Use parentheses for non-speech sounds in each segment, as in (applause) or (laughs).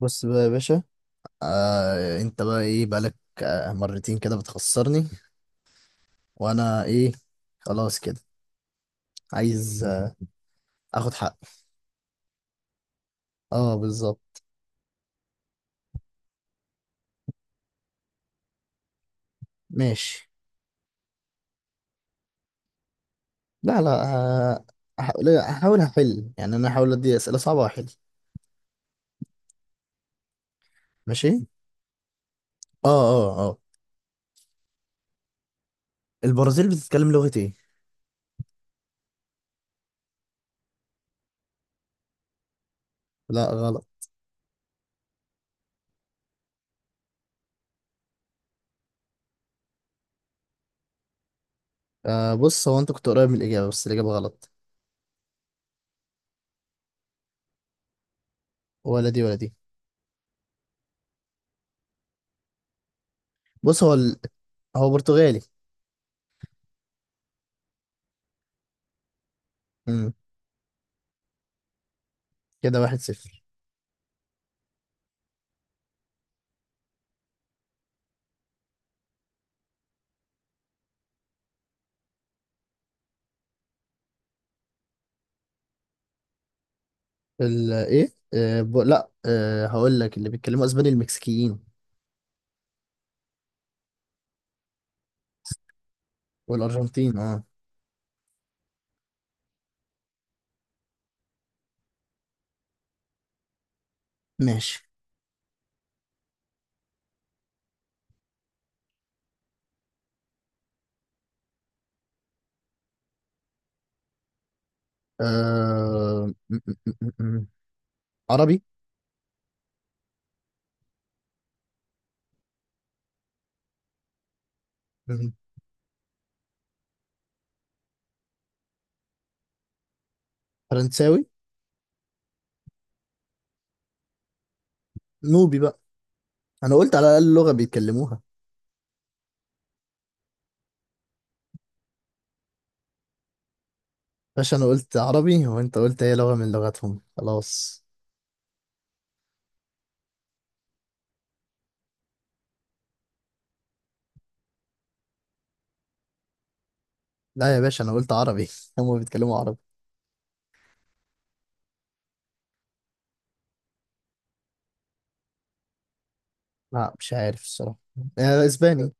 بص بقى يا باشا. آه انت بقى ايه بقالك؟ آه مرتين كده بتخسرني. وانا ايه؟ خلاص كده. عايز اخد حق. اه بالظبط. ماشي. لا لا آه، هحاول هحل يعني انا هحاول ادي اسئله صعبه واحل. ماشي. اه اه اه البرازيل بتتكلم لغه ايه؟ لا غلط. بص هو انت كنت قريب من الاجابه بس الاجابه غلط. ولا دي ولا دي. بص هو هو برتغالي. امم كده 1-0. ال ايه آه ب... لا هقول لك اللي بيتكلموا اسباني المكسيكيين والارجنتين. اه ماشي. آه... م- م- م- م- م. عربي. م- فرنساوي. نوبي بقى. انا قلت على الاقل لغة بيتكلموها. باشا انا قلت عربي وانت قلت هي لغة من لغتهم خلاص. لا يا باشا انا قلت عربي (laughs) هم بيتكلموا عربي. لا مش عارف الصراحة. اسباني.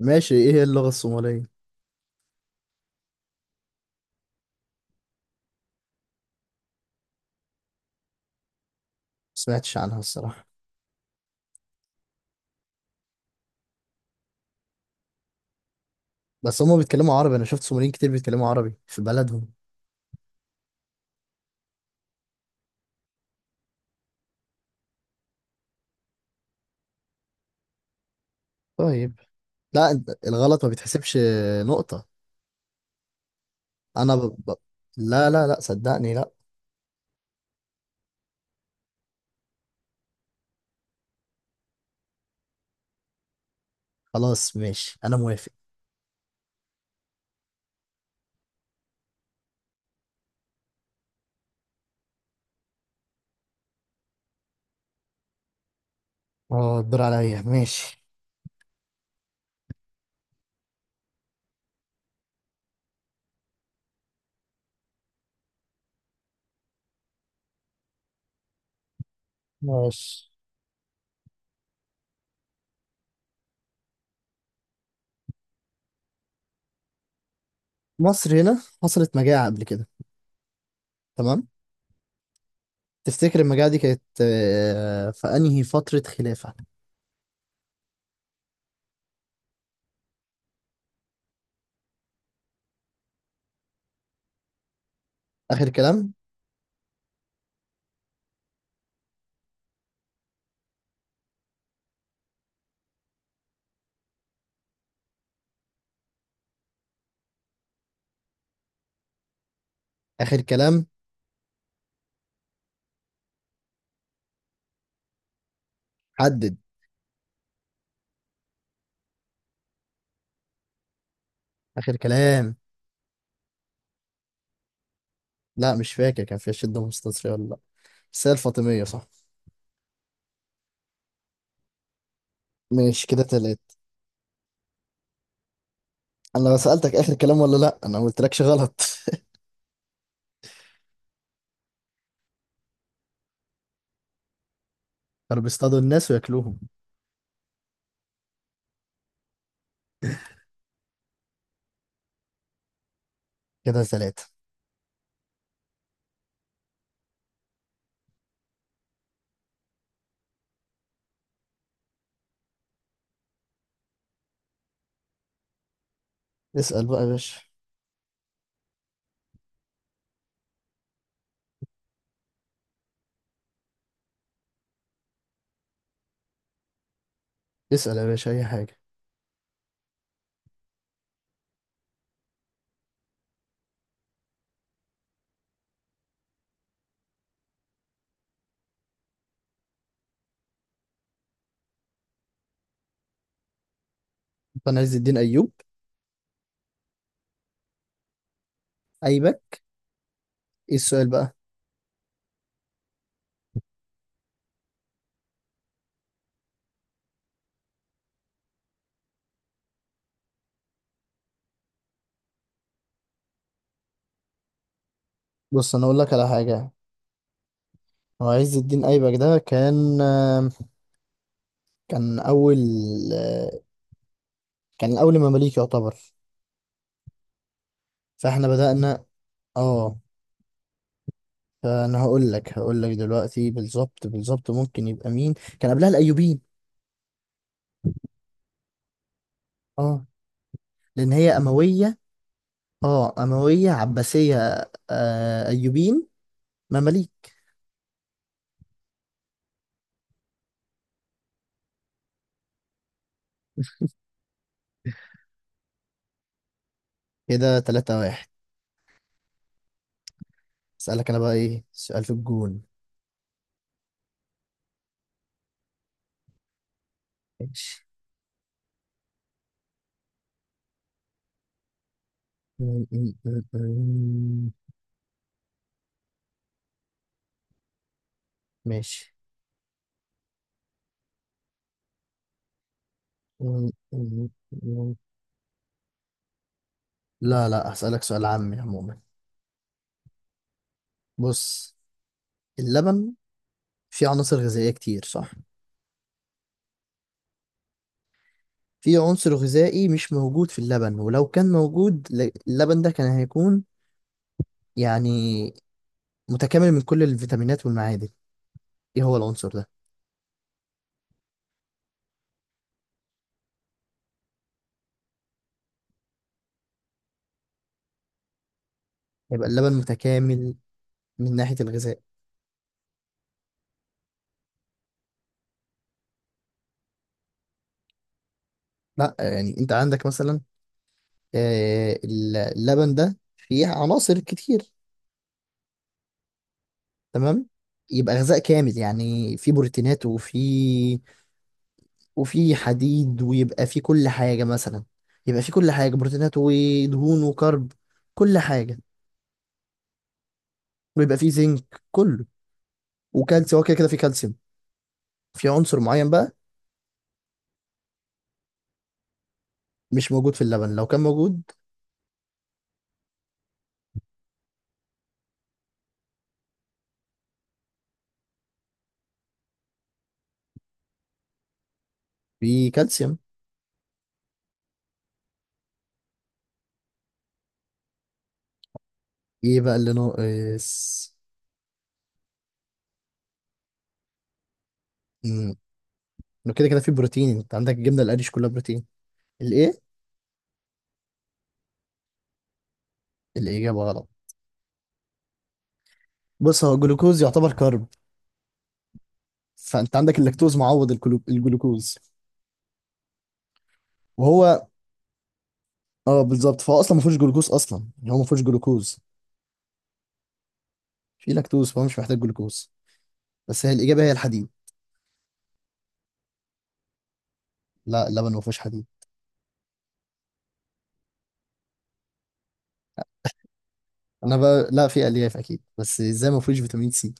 ماشي. ايه هي اللغة الصومالية؟ ما سمعتش عنها الصراحة. بس هم بيتكلموا عربي انا شفت صوماليين كتير بيتكلموا عربي في بلدهم. طيب. لا انت الغلط ما بيتحسبش نقطة. انا ب... لا لا لا صدقني لا. خلاص ماشي انا موافق. اه الدور عليا. ماشي. ماشي. مصر هنا حصلت مجاعة قبل كده. تمام. تفتكر المجاعة دي كانت في انهي فترة خلافة؟ اخر كلام. اخر كلام. حدد. اخر كلام. لا مش فاكر كان فيها شدة مستنصرة ولا لا. بس هي الفاطمية صح. ماشي كده 3. انا لو سألتك اخر كلام ولا لا انا ما قلتلكش غلط. (laughs) كانوا بيصطادوا الناس وياكلوهم. كده 3. اسأل بقى يا باشا. اسأل يا باشا أي حاجة. أنا عز الدين أيوب. أيبك. إيه السؤال بقى؟ بص أنا أقول لك على حاجة. هو عز الدين أيبك ده كان آم، كان أول آه، كان أول مماليك يعتبر. فإحنا بدأنا. آه فأنا هقول لك دلوقتي بالظبط بالظبط ممكن يبقى مين كان قبلها؟ الأيوبيين. آه لأن هي أموية. أموية عباسية. أيوبيين مماليك. كده 3-1. أسألك أنا بقى إيه سؤال في الجون. ماشي. م- م- م- م- ماشي. م- م- م- لا لا هسألك سؤال عامي عموما. بص، اللبن فيه عناصر غذائية كتير صح؟ في عنصر غذائي مش موجود في اللبن ولو كان موجود اللبن ده كان هيكون يعني متكامل من كل الفيتامينات والمعادن. ايه هو العنصر ده؟ هيبقى اللبن متكامل من ناحية الغذاء. لا يعني انت عندك مثلا اللبن ده فيه عناصر كتير. تمام. يبقى غذاء كامل يعني في بروتينات وفي حديد ويبقى في كل حاجة مثلا. يبقى في كل حاجة بروتينات ودهون وكرب كل حاجة. ويبقى في زنك كله وكالسيوم، هو كده كده في كالسيوم. في عنصر معين بقى مش موجود في اللبن لو كان موجود في كالسيوم. ايه بقى اللي ناقص؟ امم لو كده كده في بروتين انت عندك الجبنة القريش كلها بروتين. الايه؟ الإجابة غلط. بص هو الجلوكوز يعتبر كرب. فانت عندك اللاكتوز معوض الجلوكوز وهو. اه بالظبط. فهو اصلا ما فيهوش جلوكوز اصلا يعني هو ما فيهوش جلوكوز. في لاكتوز فهو مش محتاج جلوكوز. بس هي الاجابه هي الحديد. لا اللبن ما فيهوش حديد. انا بقى لا في الياف اكيد بس ازاي ما فيهوش فيتامين سي؟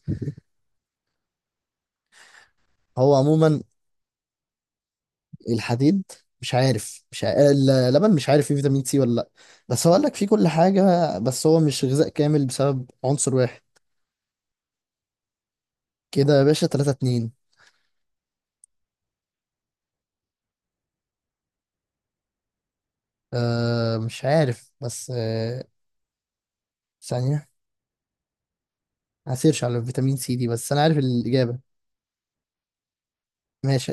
هو عموما الحديد. مش عارف مش ع... اللبن مش عارف فيه فيتامين سي ولا لا. بس هو قال لك فيه كل حاجه بس هو مش غذاء كامل بسبب عنصر واحد. كده يا باشا 3-2. آه مش عارف بس ثانيه. هسيرش على الفيتامين سي دي بس انا عارف الاجابه. ماشي.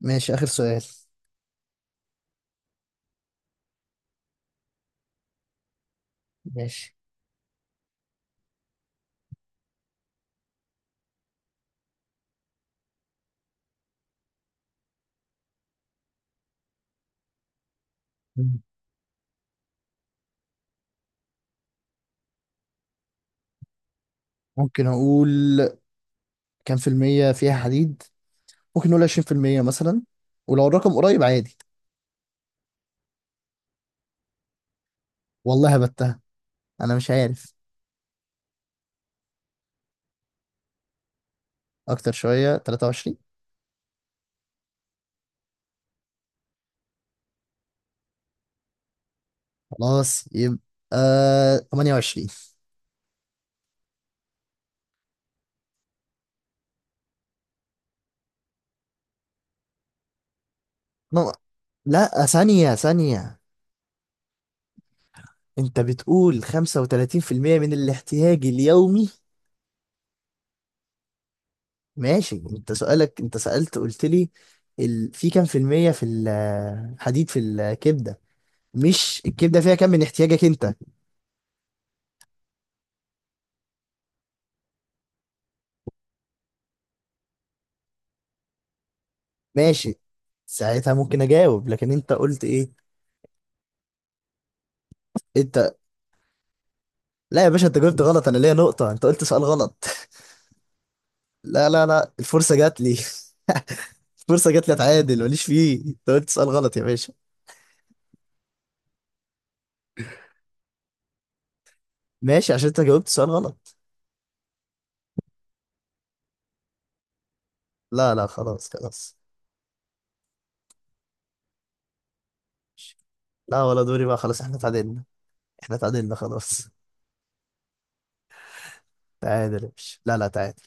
ماشي اخر سؤال. ماشي. مم. ممكن اقول كام في المية فيها حديد. ممكن نقول 20% مثلا ولو الرقم قريب عادي. والله هبتها انا مش عارف. اكتر شوية 23. خلاص يبقى 28. نو- لا ثانية ثانية انت بتقول 35% من الاحتياج اليومي؟ ماشي. انت سؤالك انت سألت قلت لي في كام في المية في الحديد في الكبدة. مش الكبدة فيها كام من احتياجك انت. ماشي ساعتها ممكن اجاوب لكن انت قلت ايه؟ انت، لا يا باشا انت جاوبت غلط انا ليا نقطة انت قلت سؤال غلط. (laughs) لا لا لا الفرصة جات لي. (laughs) الفرصة جات لي اتعادل، ماليش فيه، انت قلت سؤال غلط يا باشا. ماشي عشان انت جاوبت سؤال غلط. لا لا خلاص خلاص. لا ولا دوري بقى خلاص احنا اتعادلنا. احنا اتعادلنا خلاص. تعادل يا باشا لا لا تعادل.